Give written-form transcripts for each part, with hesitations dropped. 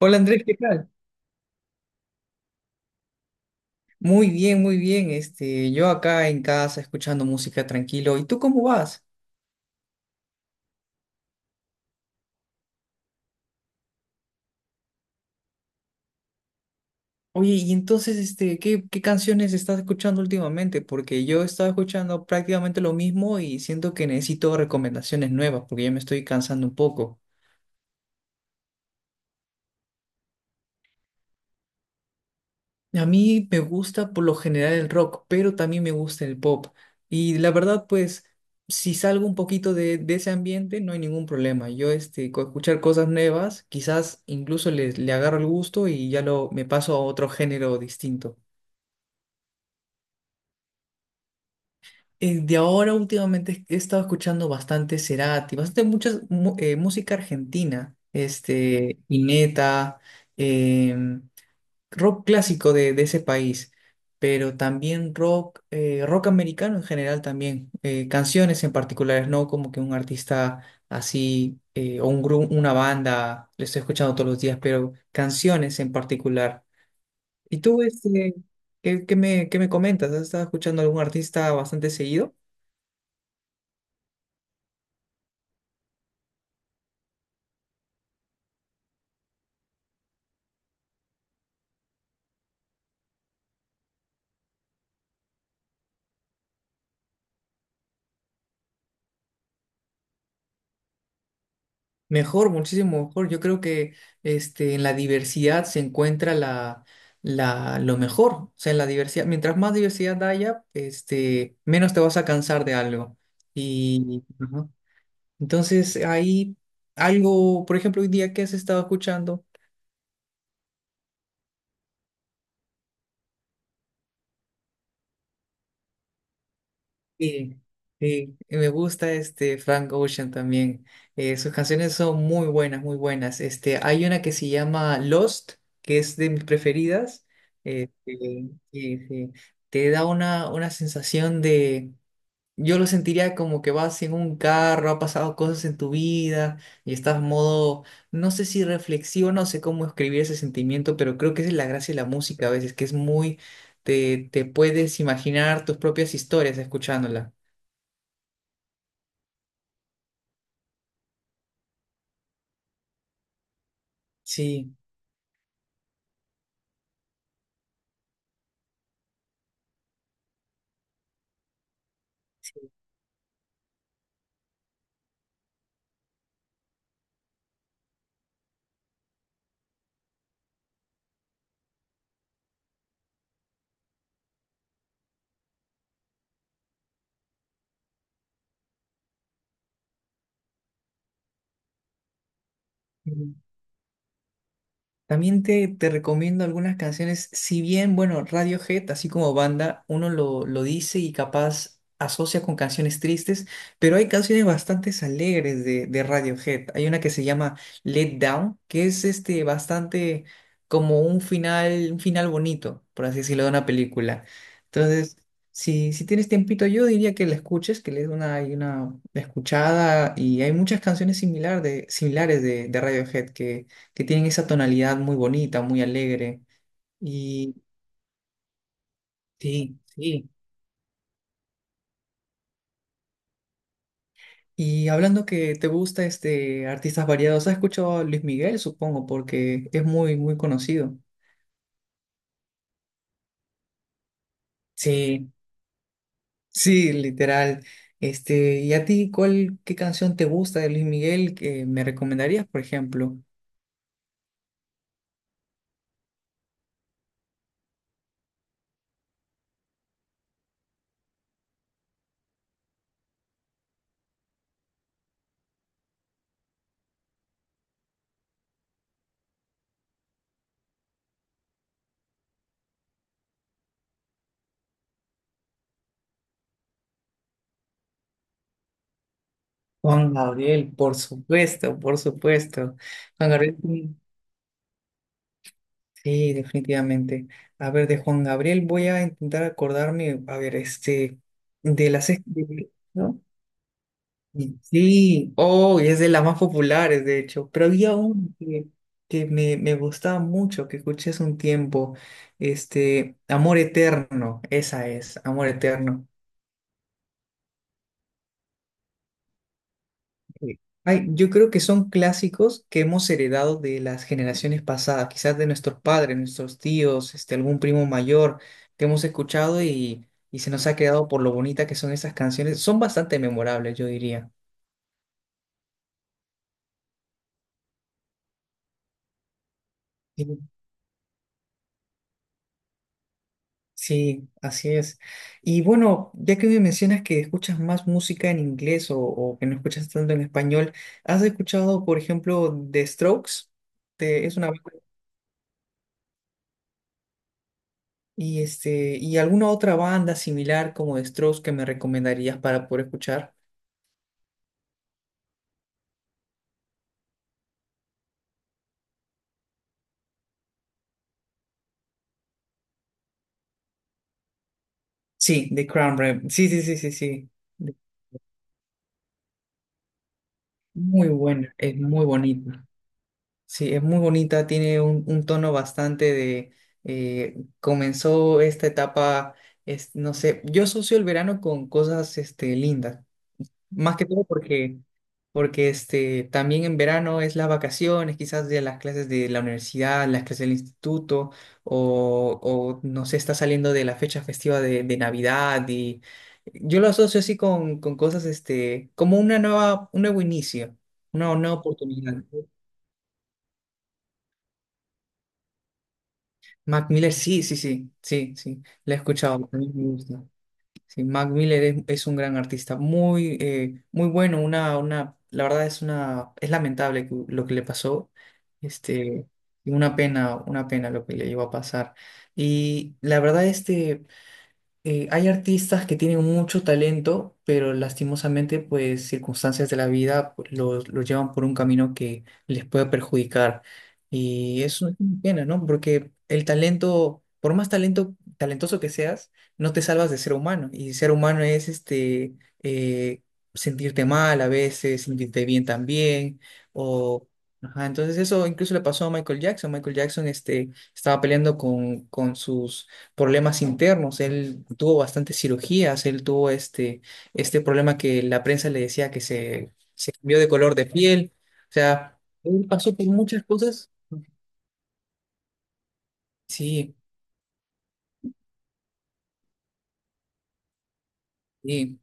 Hola Andrés, ¿qué tal? Muy bien, muy bien. Yo acá en casa escuchando música tranquilo. ¿Y tú cómo vas? Oye, y entonces, ¿qué canciones estás escuchando últimamente? Porque yo he estado escuchando prácticamente lo mismo y siento que necesito recomendaciones nuevas porque ya me estoy cansando un poco. A mí me gusta por lo general el rock, pero también me gusta el pop. Y la verdad, pues, si salgo un poquito de ese ambiente, no hay ningún problema. Yo, con escuchar cosas nuevas, quizás incluso le agarro el gusto y ya lo, me paso a otro género distinto. De ahora, últimamente, he estado escuchando bastante Cerati, bastante muchas música argentina, Ineta rock clásico de ese país, pero también rock, rock americano en general también, canciones en particulares, no como que un artista así o un grupo, una banda, lo estoy escuchando todos los días, pero canciones en particular. ¿Y tú, qué me comentas? ¿Has estado escuchando algún artista bastante seguido? Mejor, muchísimo mejor. Yo creo que en la diversidad se encuentra lo mejor. O sea, en la diversidad, mientras más diversidad haya, menos te vas a cansar de algo. Y ujú, entonces ahí algo, por ejemplo, hoy día que has estado escuchando. Sí, sí, y me gusta este Frank Ocean también. Sus canciones son muy buenas, muy buenas. Hay una que se llama Lost, que es de mis preferidas. Sí, sí. Te da una sensación de... Yo lo sentiría como que vas en un carro, ha pasado cosas en tu vida y estás modo, no sé si reflexivo, no sé cómo escribir ese sentimiento, pero creo que esa es la gracia de la música a veces, que es muy, te puedes imaginar tus propias historias escuchándola. Sí. Mm. También te recomiendo algunas canciones, si bien, bueno, Radiohead, así como banda, uno lo dice y capaz asocia con canciones tristes, pero hay canciones bastante alegres de Radiohead. Hay una que se llama Let Down, que es este bastante como un final bonito, por así decirlo, de una película. Entonces, si tienes tiempito, yo diría que la escuches, que le des una, y una escuchada, y hay muchas canciones similares de Radiohead que tienen esa tonalidad muy bonita, muy alegre. Y sí, sí, y hablando que te gusta este artistas variados, ¿has escuchado a Luis Miguel, supongo? Porque es muy, muy conocido. Sí, sí, literal. ¿Y a ti cuál, qué canción te gusta de Luis Miguel que me recomendarías, por ejemplo? Juan Gabriel, por supuesto, por supuesto. Juan Gabriel. Sí, definitivamente. A ver, de Juan Gabriel voy a intentar acordarme, a ver, de las... ¿no? Y sí, oh, y es de las más populares, de hecho, pero había una que, me gustaba mucho, que escuché hace un tiempo, Amor Eterno, esa es, Amor Eterno. Sí. Ay, yo creo que son clásicos que hemos heredado de las generaciones pasadas, quizás de nuestros padres, nuestros tíos, algún primo mayor que hemos escuchado y se nos ha quedado por lo bonita que son esas canciones. Son bastante memorables, yo diría. Sí, sí, así es. Y bueno, ya que me mencionas que escuchas más música en inglés o que no escuchas tanto en español, ¿has escuchado, por ejemplo, The Strokes? Es una banda. Y ¿y alguna otra banda similar como de Strokes que me recomendarías para poder escuchar? Sí, The Crown Rem. Sí, sí, sí, sí, sí. De- Muy buena, es muy bonita. Sí, es muy bonita, tiene un tono bastante de comenzó esta etapa, es, no sé, yo asocio el verano con cosas lindas. Más que todo porque, porque también en verano es las vacaciones, quizás de las clases de la universidad, las clases del instituto, o no sé, está saliendo de la fecha festiva de Navidad y yo lo asocio así con cosas, como una nueva, un nuevo inicio, una nueva oportunidad, ¿no? Mac Miller, sí, sí, sí, sí, sí, la he escuchado, también me gusta. Sí, Mac Miller es un gran artista, muy, muy bueno, una, la verdad es una, es lamentable lo que le pasó, este, y una pena lo que le iba a pasar. Y la verdad, hay artistas que tienen mucho talento, pero lastimosamente, pues circunstancias de la vida pues, los llevan por un camino que les puede perjudicar. Y eso es una pena, ¿no? Porque el talento, por más talento, talentoso que seas, no te salvas de ser humano. Y ser humano es eh, sentirte mal a veces, sentirte bien también, o... ajá, entonces eso incluso le pasó a Michael Jackson. Michael Jackson este, estaba peleando con sus problemas internos, él tuvo bastantes cirugías, él tuvo este problema que la prensa le decía que se cambió de color de piel, o sea, él pasó por muchas cosas. Sí, sí,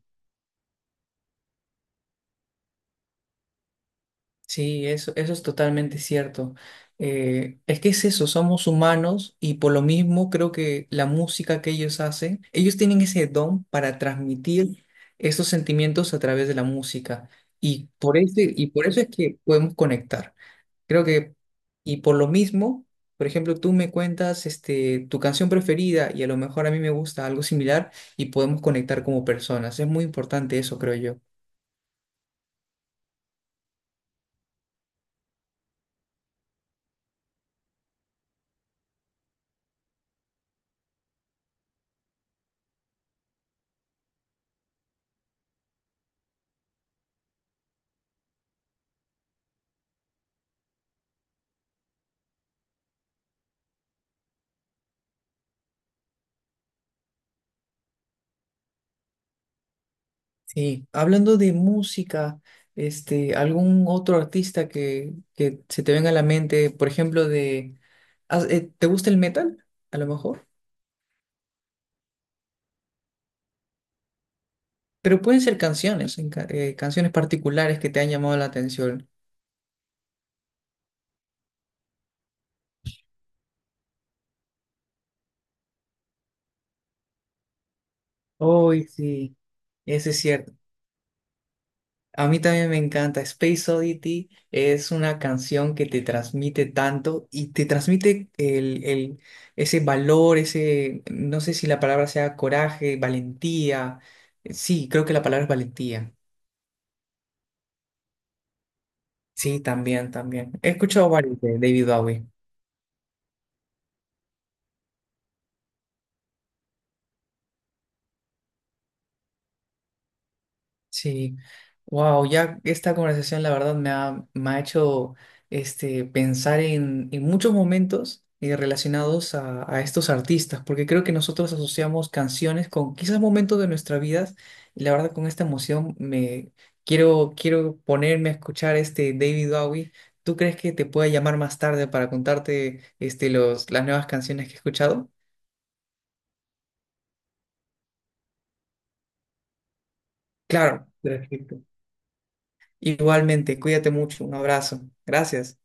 sí, eso es totalmente cierto. Es que es eso, somos humanos y por lo mismo creo que la música que ellos hacen, ellos tienen ese don para transmitir esos sentimientos a través de la música y por ese, y por eso es que podemos conectar. Creo que, y por lo mismo, por ejemplo, tú me cuentas tu canción preferida y a lo mejor a mí me gusta algo similar y podemos conectar como personas. Es muy importante eso, creo yo. Sí, hablando de música, algún otro artista que se te venga a la mente, por ejemplo, de, ah, ¿te gusta el metal? A lo mejor. Pero pueden ser canciones, canciones particulares que te han llamado la atención. Oh, sí, ese es cierto. A mí también me encanta. Space Oddity es una canción que te transmite tanto y te transmite ese valor, ese, no sé si la palabra sea coraje, valentía. Sí, creo que la palabra es valentía. Sí, también, también. He escuchado varios de David Bowie. Sí, wow, ya esta conversación la verdad me ha hecho pensar en muchos momentos relacionados a estos artistas, porque creo que nosotros asociamos canciones con quizás momentos de nuestra vida, y la verdad con esta emoción me quiero, quiero ponerme a escuchar este David Bowie. ¿Tú crees que te pueda llamar más tarde para contarte las nuevas canciones que he escuchado? Claro, perfecto. Igualmente, cuídate mucho, un abrazo, gracias.